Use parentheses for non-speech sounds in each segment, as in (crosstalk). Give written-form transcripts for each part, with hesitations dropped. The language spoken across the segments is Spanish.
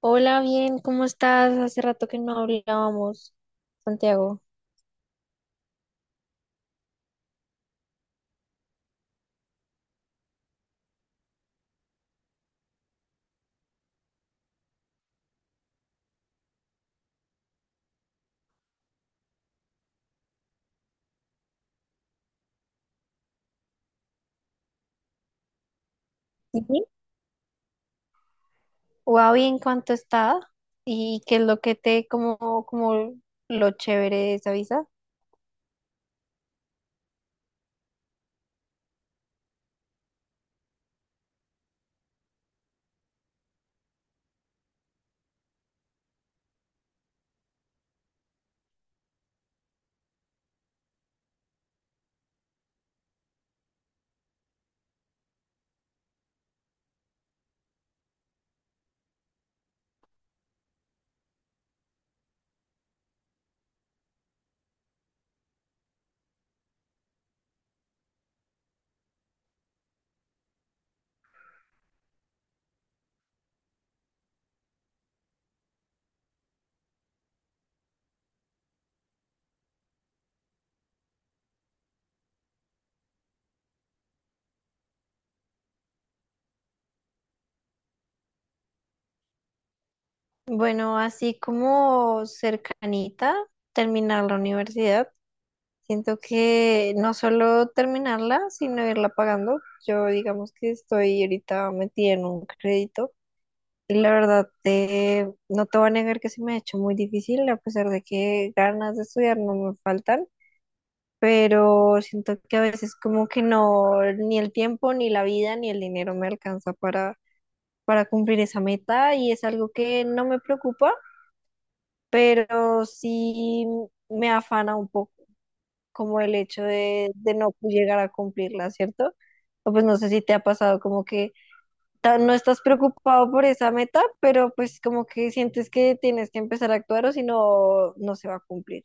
Hola, bien, ¿cómo estás? Hace rato que no hablábamos, Santiago. Sí, wow, bien, ¿cuánto está? ¿Y qué es lo que te, como, como lo chévere de esa visa? Bueno, así como cercanita, terminar la universidad. Siento que no solo terminarla, sino irla pagando. Yo digamos que estoy ahorita metida en un crédito. Y la verdad, no te voy a negar que se me ha hecho muy difícil, a pesar de que ganas de estudiar no me faltan, pero siento que a veces como que no, ni el tiempo, ni la vida, ni el dinero me alcanza para cumplir esa meta, y es algo que no me preocupa, pero sí me afana un poco como el hecho de no llegar a cumplirla, ¿cierto? O pues no sé si te ha pasado como que no estás preocupado por esa meta, pero pues como que sientes que tienes que empezar a actuar o si no, no se va a cumplir.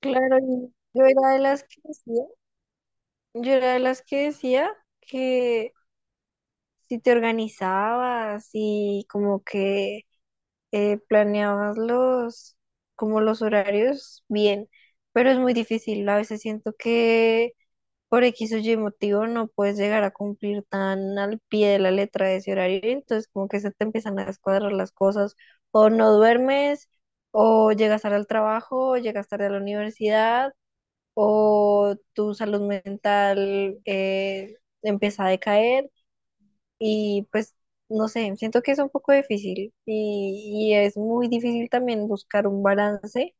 Claro, y yo era de las que decía, yo era de las que decía que si te organizabas y como que planeabas los, como los horarios bien, pero es muy difícil. A veces siento que por X o Y motivo no puedes llegar a cumplir tan al pie de la letra de ese horario, y entonces como que se te empiezan a descuadrar las cosas, o no duermes, o llegas tarde al trabajo, o llegas tarde a la universidad, o tu salud mental empieza a decaer, y pues no sé, siento que es un poco difícil, y, es muy difícil también buscar un balance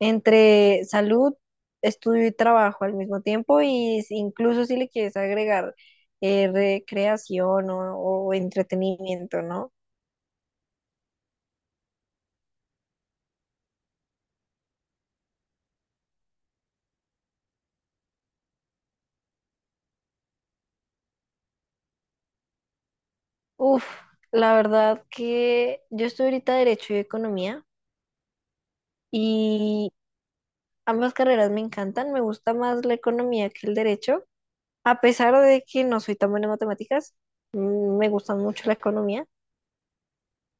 entre salud, estudio y trabajo al mismo tiempo, y incluso si le quieres agregar recreación o entretenimiento, ¿no? Uf, la verdad que yo estoy ahorita Derecho y Economía y ambas carreras me encantan, me gusta más la economía que el derecho, a pesar de que no soy tan buena en matemáticas, mm, me gusta mucho la economía.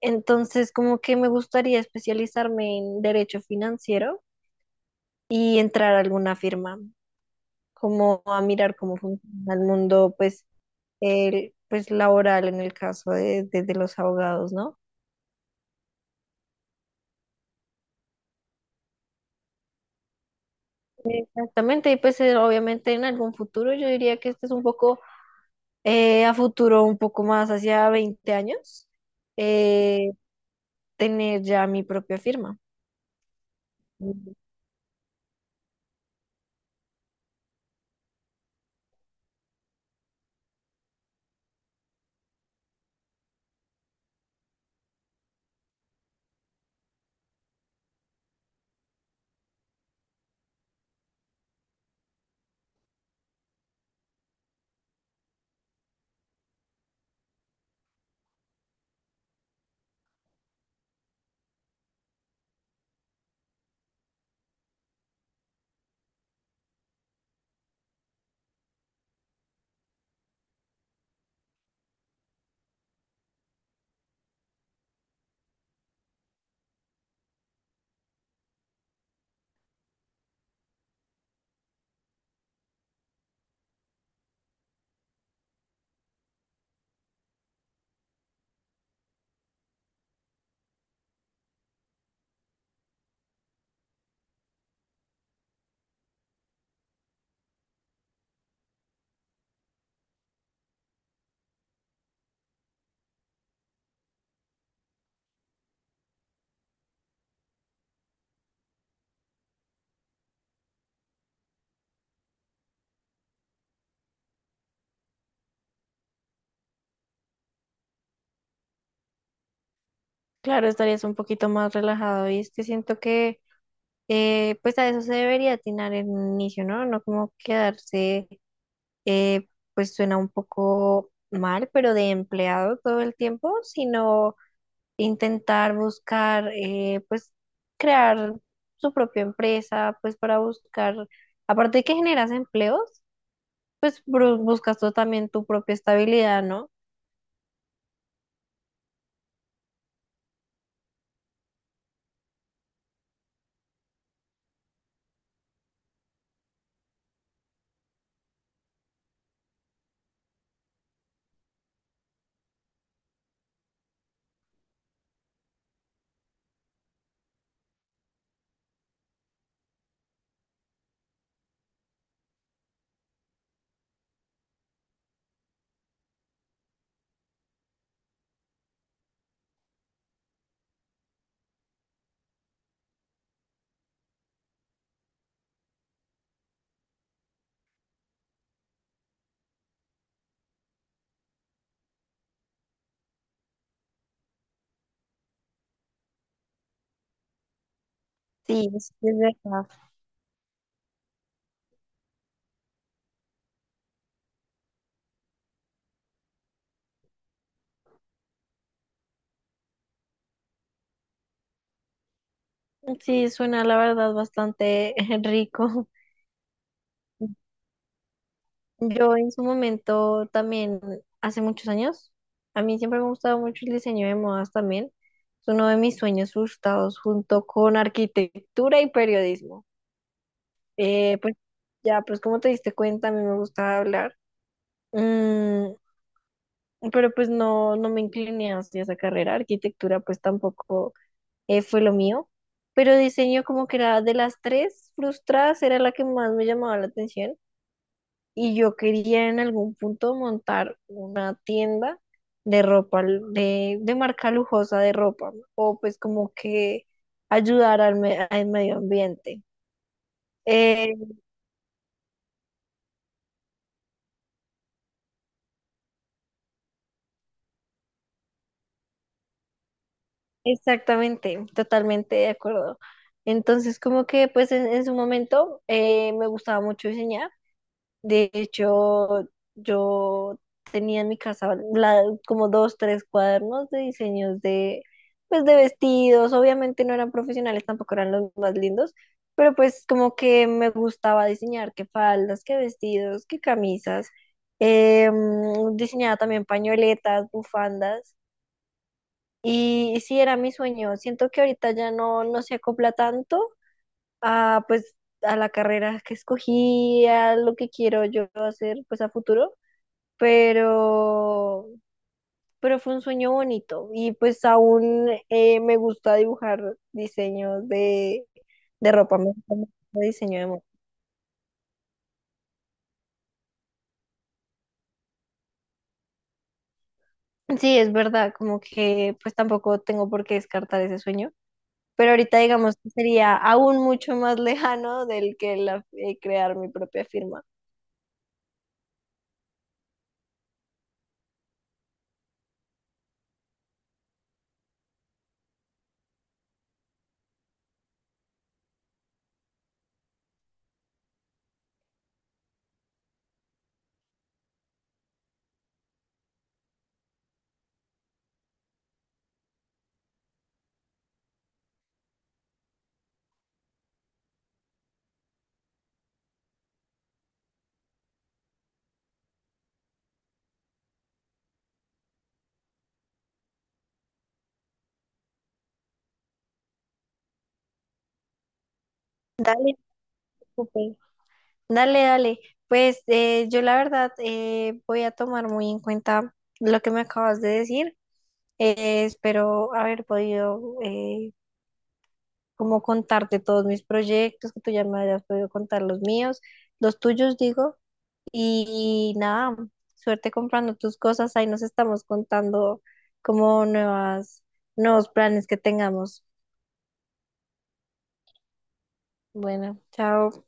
Entonces, como que me gustaría especializarme en derecho financiero y entrar a alguna firma, como a mirar cómo funciona el mundo, pues, el, pues laboral en el caso de, de los abogados, ¿no? Exactamente, y pues obviamente en algún futuro, yo diría que este es un poco, a futuro, un poco más hacia 20 años, eh, tener ya mi propia firma. Ujú. Claro, estarías un poquito más relajado, y es que siento que pues a eso se debería atinar en un inicio, ¿no? No como quedarse, eh, pues suena un poco mal, pero de empleado todo el tiempo, sino intentar buscar, pues crear su propia empresa, pues para buscar, aparte de que generas empleos, pues buscas tú también tu propia estabilidad, ¿no? Sí, es verdad. Sí, suena la verdad bastante (laughs) rico. Yo en su momento también, hace muchos años, a mí siempre me ha gustado mucho el diseño de modas también. Es uno de mis sueños frustrados junto con arquitectura y periodismo. Pues ya, pues como te diste cuenta, a mí me gustaba hablar. Mm, pero pues no, no me incliné hacia esa carrera. Arquitectura pues tampoco fue lo mío. Pero diseño como que era de las tres frustradas, era la que más me llamaba la atención. Y yo quería en algún punto montar una tienda de ropa, de marca lujosa de ropa, ¿no? O pues como que ayudar al, al medio ambiente. Eh, Exactamente, totalmente de acuerdo. Entonces, como que pues en su momento me gustaba mucho diseñar. De hecho, yo tenía en mi casa como 2, 3 cuadernos de diseños de, pues, de vestidos. Obviamente no eran profesionales, tampoco eran los más lindos, pero pues como que me gustaba diseñar qué faldas, qué vestidos, qué camisas. Diseñaba también pañoletas, bufandas. Y sí, era mi sueño. Siento que ahorita ya no, no se acopla tanto a, pues, a la carrera que escogí, a lo que quiero yo hacer, pues, a futuro, pero, pero fue un sueño bonito, y pues aún me gusta dibujar diseños de ropa, me gusta mucho el diseño de moda. Sí, es verdad, como que pues tampoco tengo por qué descartar ese sueño, pero ahorita digamos que sería aún mucho más (laughs) lejano del que la, crear mi propia firma. Dale, súper. Dale, dale. Pues yo la verdad, voy a tomar muy en cuenta lo que me acabas de decir. Espero haber podido, como contarte todos mis proyectos, que tú ya me hayas podido contar los míos, los tuyos digo. Y, nada, suerte comprando tus cosas. Ahí nos estamos contando como nuevas, nuevos planes que tengamos. Bueno, chao.